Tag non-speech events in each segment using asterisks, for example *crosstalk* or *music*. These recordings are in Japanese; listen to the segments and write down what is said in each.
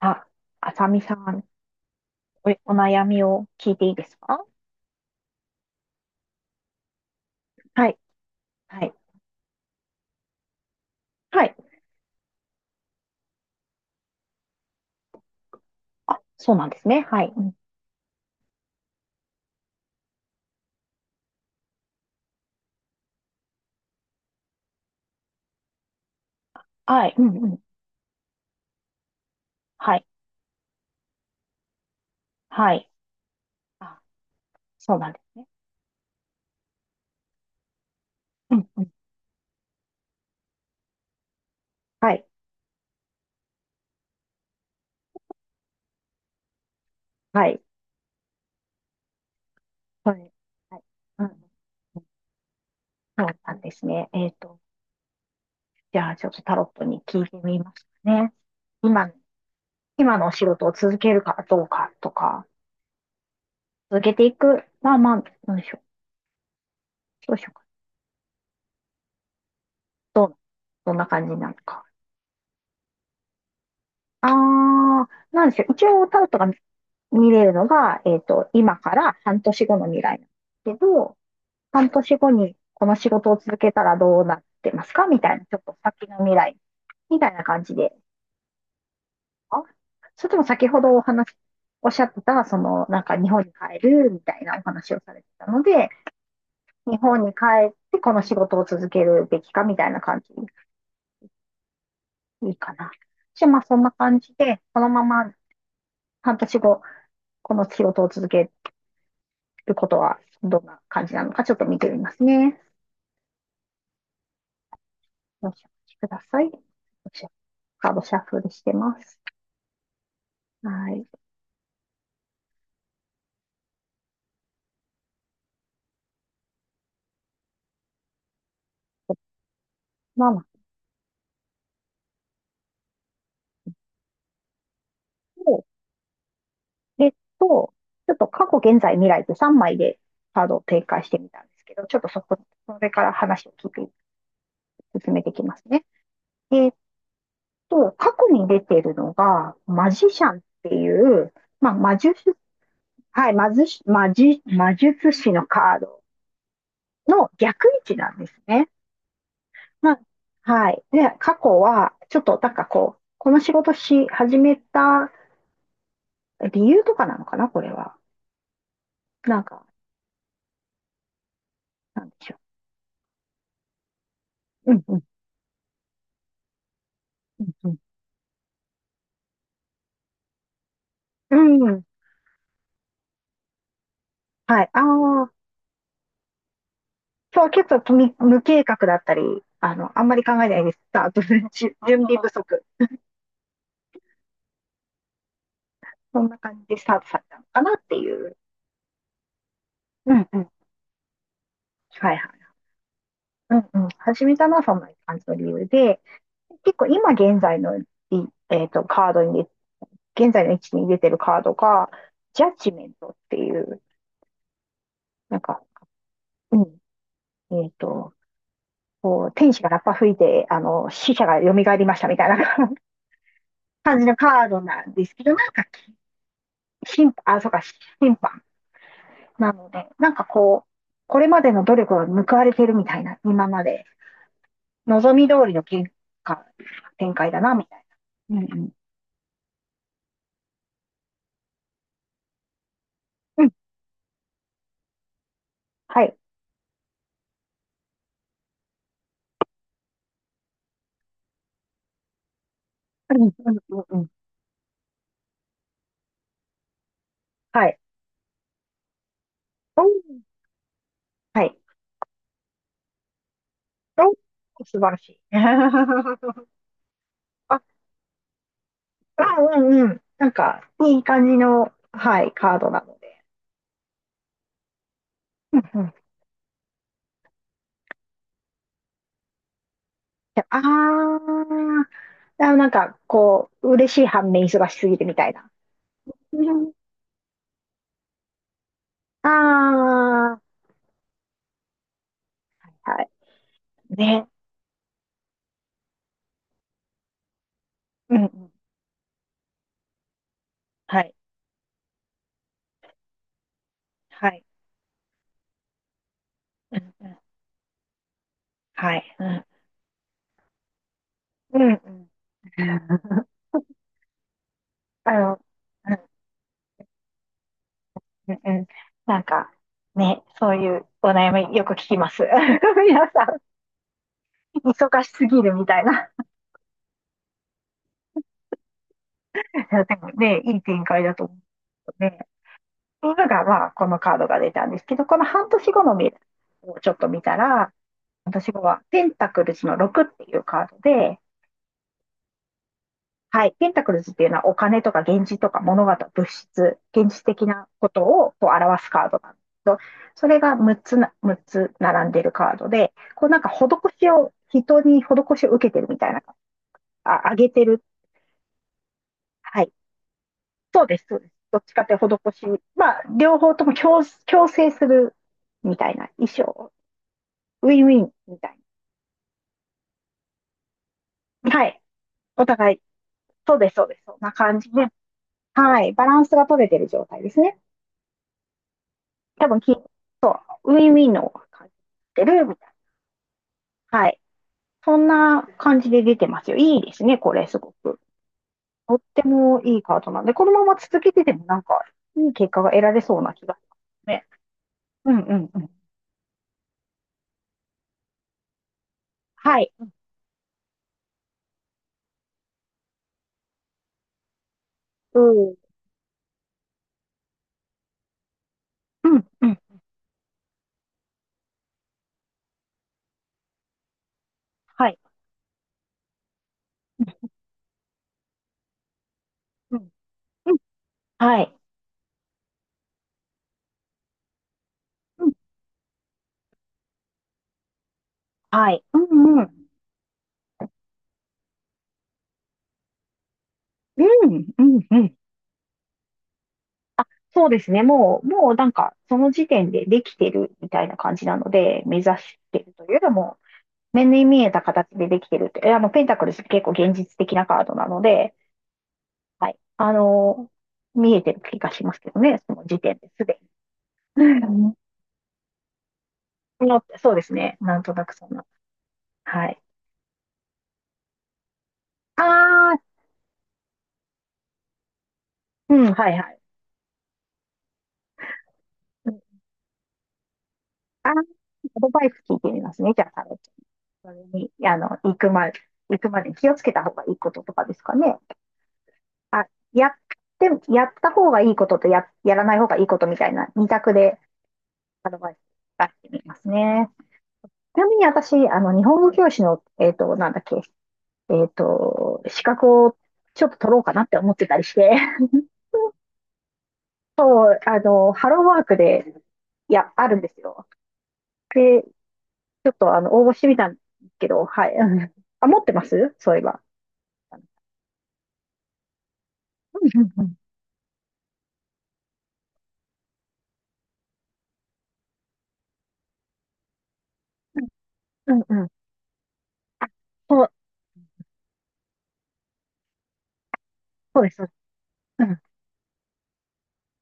あ、あさみさん、お悩みを聞いていいですか？はい。はい。はい。そうなんですね。はい。うん。はい。うんうん。はい。はい。あ、そうなんですね。うんうん。はい。はい。そう。はい。うん。そうなんですね。じゃあ、ちょっとタロットに聞いてみますね。今、今のお仕事を続けるかどうかとか、続けていく、まあまあ、どうでしょう。どうしようか。どう、どんな感じなのか。ああ、なんでしょう。一応タロットが見れるのが、今から半年後の未来なんですけど、半年後にこの仕事を続けたらどうなってますかみたいな、ちょっと先の未来みたいな感じで。あ、それとも先ほどおっしゃってた、その、なんか日本に帰るみたいなお話をされてたので、日本に帰ってこの仕事を続けるべきかみたいな感じ、いいかな。じゃあまあそんな感じで、このまま半年後、この仕事を続けることはどんな感じなのかちょっと見てみますね。よろしくお待ちください。カードシャッフルしてます。はい。ママ、えっと、ちょっと過去、現在、未来でて3枚でカードを展開してみたんですけど、ちょっとそこ、それから話を聞いて、進めていきますね。えっ過去に出てるのが、マジシャンっていう、まあ、はい、魔術師のカードの逆位置なんですね。まあ、はい。で、過去は、ちょっと、なんかこう、この仕事し始めた理由とかなのかな、これは。なんか、なんでしょう。うん、うん、うん。うん。うん。はい。ああ、そう、結構無計画だったり、あんまり考えないでスタート。 *laughs* 準備不足。そんな感じでスタートされたのかなっていう。うんうん。はいはい。うんうん。始めたのはそんな感じの理由で、結構今現在のいえっと、カードに現在の位置に出てるカードが、ジャッジメントっていう、なんか、うん、えっと、こう、天使がラッパ吹いて、死者が蘇りましたみたいな、 *laughs* 感じのカードなんですけど、なんか、審判、あ、そうか、審判なので、なんかこう、これまでの努力が報われてるみたいな、今まで、望み通りの結果、展開だな、みたいな。うんうん。うん、はい。うんうんうんうん。はい。おー、はい。おー、素晴らしい。*laughs* あ、あ、うんうん。なんか、いい感じの、はい、カードなので。うんうん。ああー、あ、なんか、こう、嬉しい反面忙しすぎてみたいな。うん。ああ、はい。ね。うんうん。はい。はい。うんうん。はい。うん。うんうん。*laughs* あの、うんうんうん。なんか、ね、そういうお悩みよく聞きます。*laughs* 皆さん、忙しすぎるみたいな。*laughs* いや、でもね、いい展開だと思うね。が、まあ、このカードが出たんですけど、この半年後の未来をちょっと見たら、半年後はペンタクルズの6っていうカードで、はい、ペンタクルズっていうのはお金とか現実とか物事、物質、現実的なことをこう表すカードなんですけど、それが6つな、むっつ並んでるカードで、こうなんか施しを、人に施しを受けてるみたいな、あ、あげてる。はい、そうです、そうです。どっちかって施し、まあ、両方とも強制するみたいな、衣装をウィンウィンみたいな。はい。お互い、そうです、そうです。そんな感じで。はい。バランスが取れてる状態ですね。多分き、そう、ウィンウィンの感じてるみたいな。はい。そんな感じで出てますよ。いいですね、これ、すごく。とってもいいカードなんで、このまま続けててもなんか、いい結果が得られそうな気がしますね。うんうんうん。はい。うん。うんうん。はい。うんうん。はい。うん。はい。うんうん。うんうんうん。そうですね。もうなんか、その時点でできてるみたいな感じなので、目指してるというよりも、目に見えた形でできてるって、えあの、ペンタクルス結構現実的なカードなので、はい。見えてる気がしますけどね、その時点ですでに。うんうん、の、そうですね。なんとなくそんな。はい。ああ、うん、はいはい。うん、あー、アドバイス聞いてみますね。じゃあ、タロット、それに、行くまでに気をつけた方がいいこととかですかね。あ、やって、やった方がいいこととやらない方がいいことみたいな二択でアドバイス出してみますね。ちなみに私、日本語教師の、なんだっけ、資格をちょっと取ろうかなって思ってたりして、*laughs* そう、あの、ハローワークで、いや、あるんですよ。で、ちょっと、応募してみたんですけど、はい。*laughs* うん、あ、持ってます、そういえば。うんうんうん。うんうん。あ、そう、そうです。そうです。うん。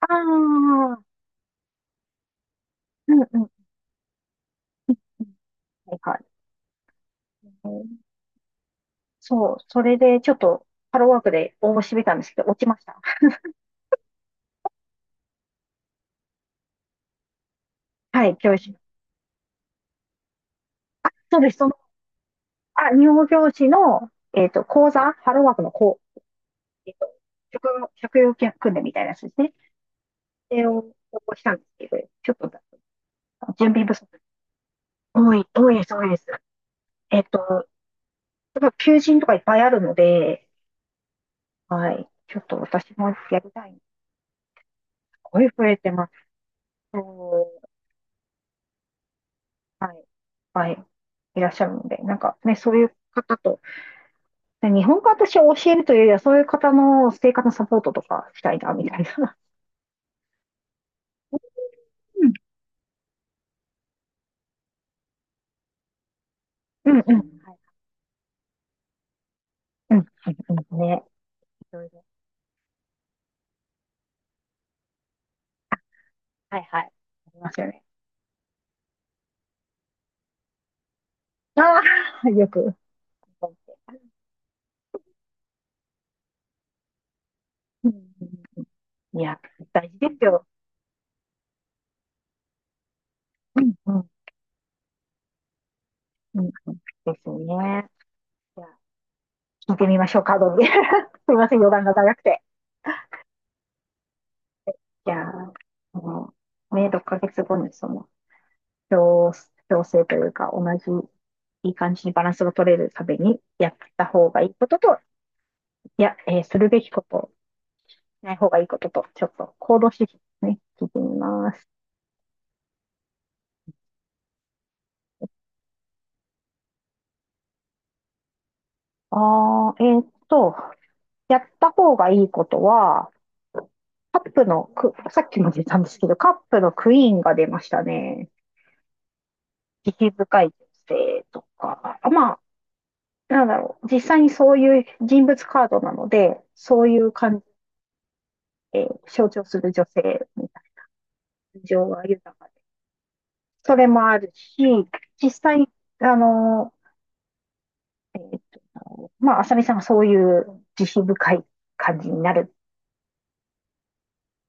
ああ、うんうん。はいはい。そう、それでちょっとハローワークで応募してみたんですけど、落ちました。*laughs* はい、教師。そうです、その、あ、日本語教師の、講座、ハローワークの講、えっと、職業訓練みたいなやつですね。それを応募したんですけど、ちょっと準備不足。多い、多いです、多いです。やっぱ求人とかいっぱいあるので、はい、ちょっと私もやりたい。声増えてます。そう、はい、はい、いらっしゃるので、なんかね、そういう方と、で日本語私を教えるというよりは、そういう方の生活のサポートとかしたいな、みたいな。うん。うんうん。はい。うん。うんね。いろいろ。はいはい。ありますよね。ああ、よく。うんうん、いや、大事ですよ。うん、うん、うん、ですね。じゃあ聞いてみましょうか、どうで。*laughs* すみません、余談が長くて。じゃあ、あのね、6ヶ月後にその、調、調整というか、同じ、いい感じにバランスが取れるために、やった方がいいことと、いや、するべきこと、しない方がいいことと、ちょっと行動指示ですね、聞いてみます。あー、えーっと、やった方がいいことは、カップのク、さっきも出たんですけど、カップのクイーンが出ましたね。慈悲深い女性とか、あ、まあ、なんだろう、実際にそういう人物カードなので、そういう感じ、え象徴する女性、感情が豊かで。それもあるし、実際、あの、えーあさみさんがそういう慈悲深い感じになる。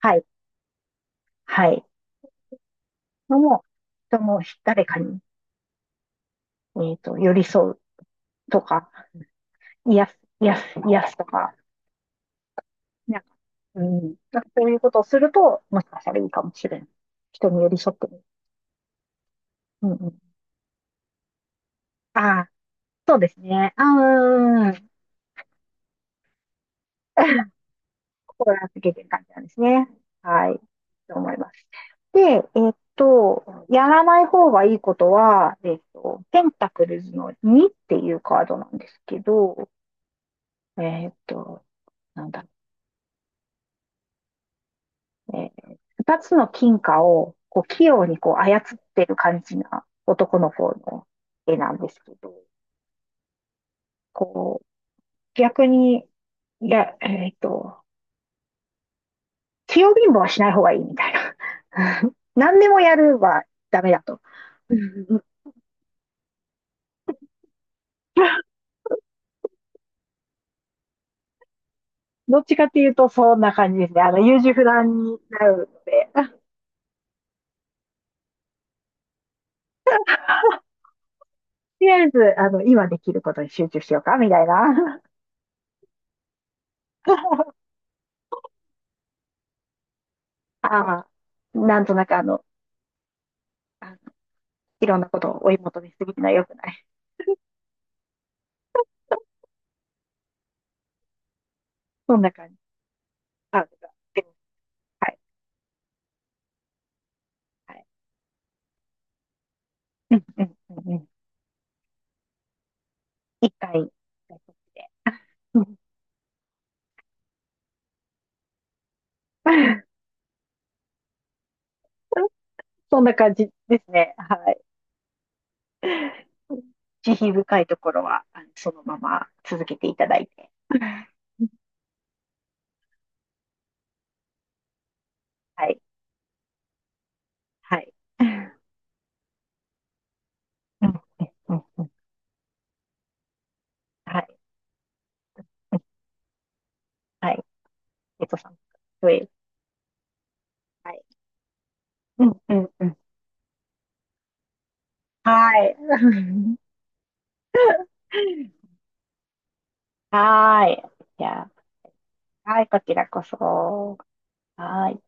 はい、はい。のも、人も誰かに、寄り添うとか、癒す、癒す、癒すとか、なんか、うん、なんかそういうことをすると、もしかしたらいいかもしれない。人に寄り添ってみる。うんうん、ああ、そうですね。うん。心がけてる感じなんですね。はい。と思います。で、やらない方がいいことは、ペンタクルズの2っていうカードなんですけど、えっと、なんだ、えー、2つの金貨をこう器用にこう操ってる感じな男の方の絵なんですけど、こう、逆に、いや、器用貧乏はしない方がいいみたいな。*laughs* 何でもやるはダメだと。うん、どっちかっていうと、そんな感じですね。優柔不断になるので、*laughs* とりあえず、今できることに集中しようか、みたいな。*laughs* ああ、なんとなくあのいろんなことを追い求めすぎるのは良くない。そんな感じ。あ、でも、はい、はい。うんうんうんうん。一回、一回こっちで。うん。 *laughs* そんな感じですね。はい。慈悲深いところは、あのそのまま続けていただいて。*laughs* はい、はい。うん、うん、うん。はい。うん。はい。さん。い。はい。うん、うん、うん。はい。*laughs* はーい。じゃあ、はい、こちらこそ。はーい。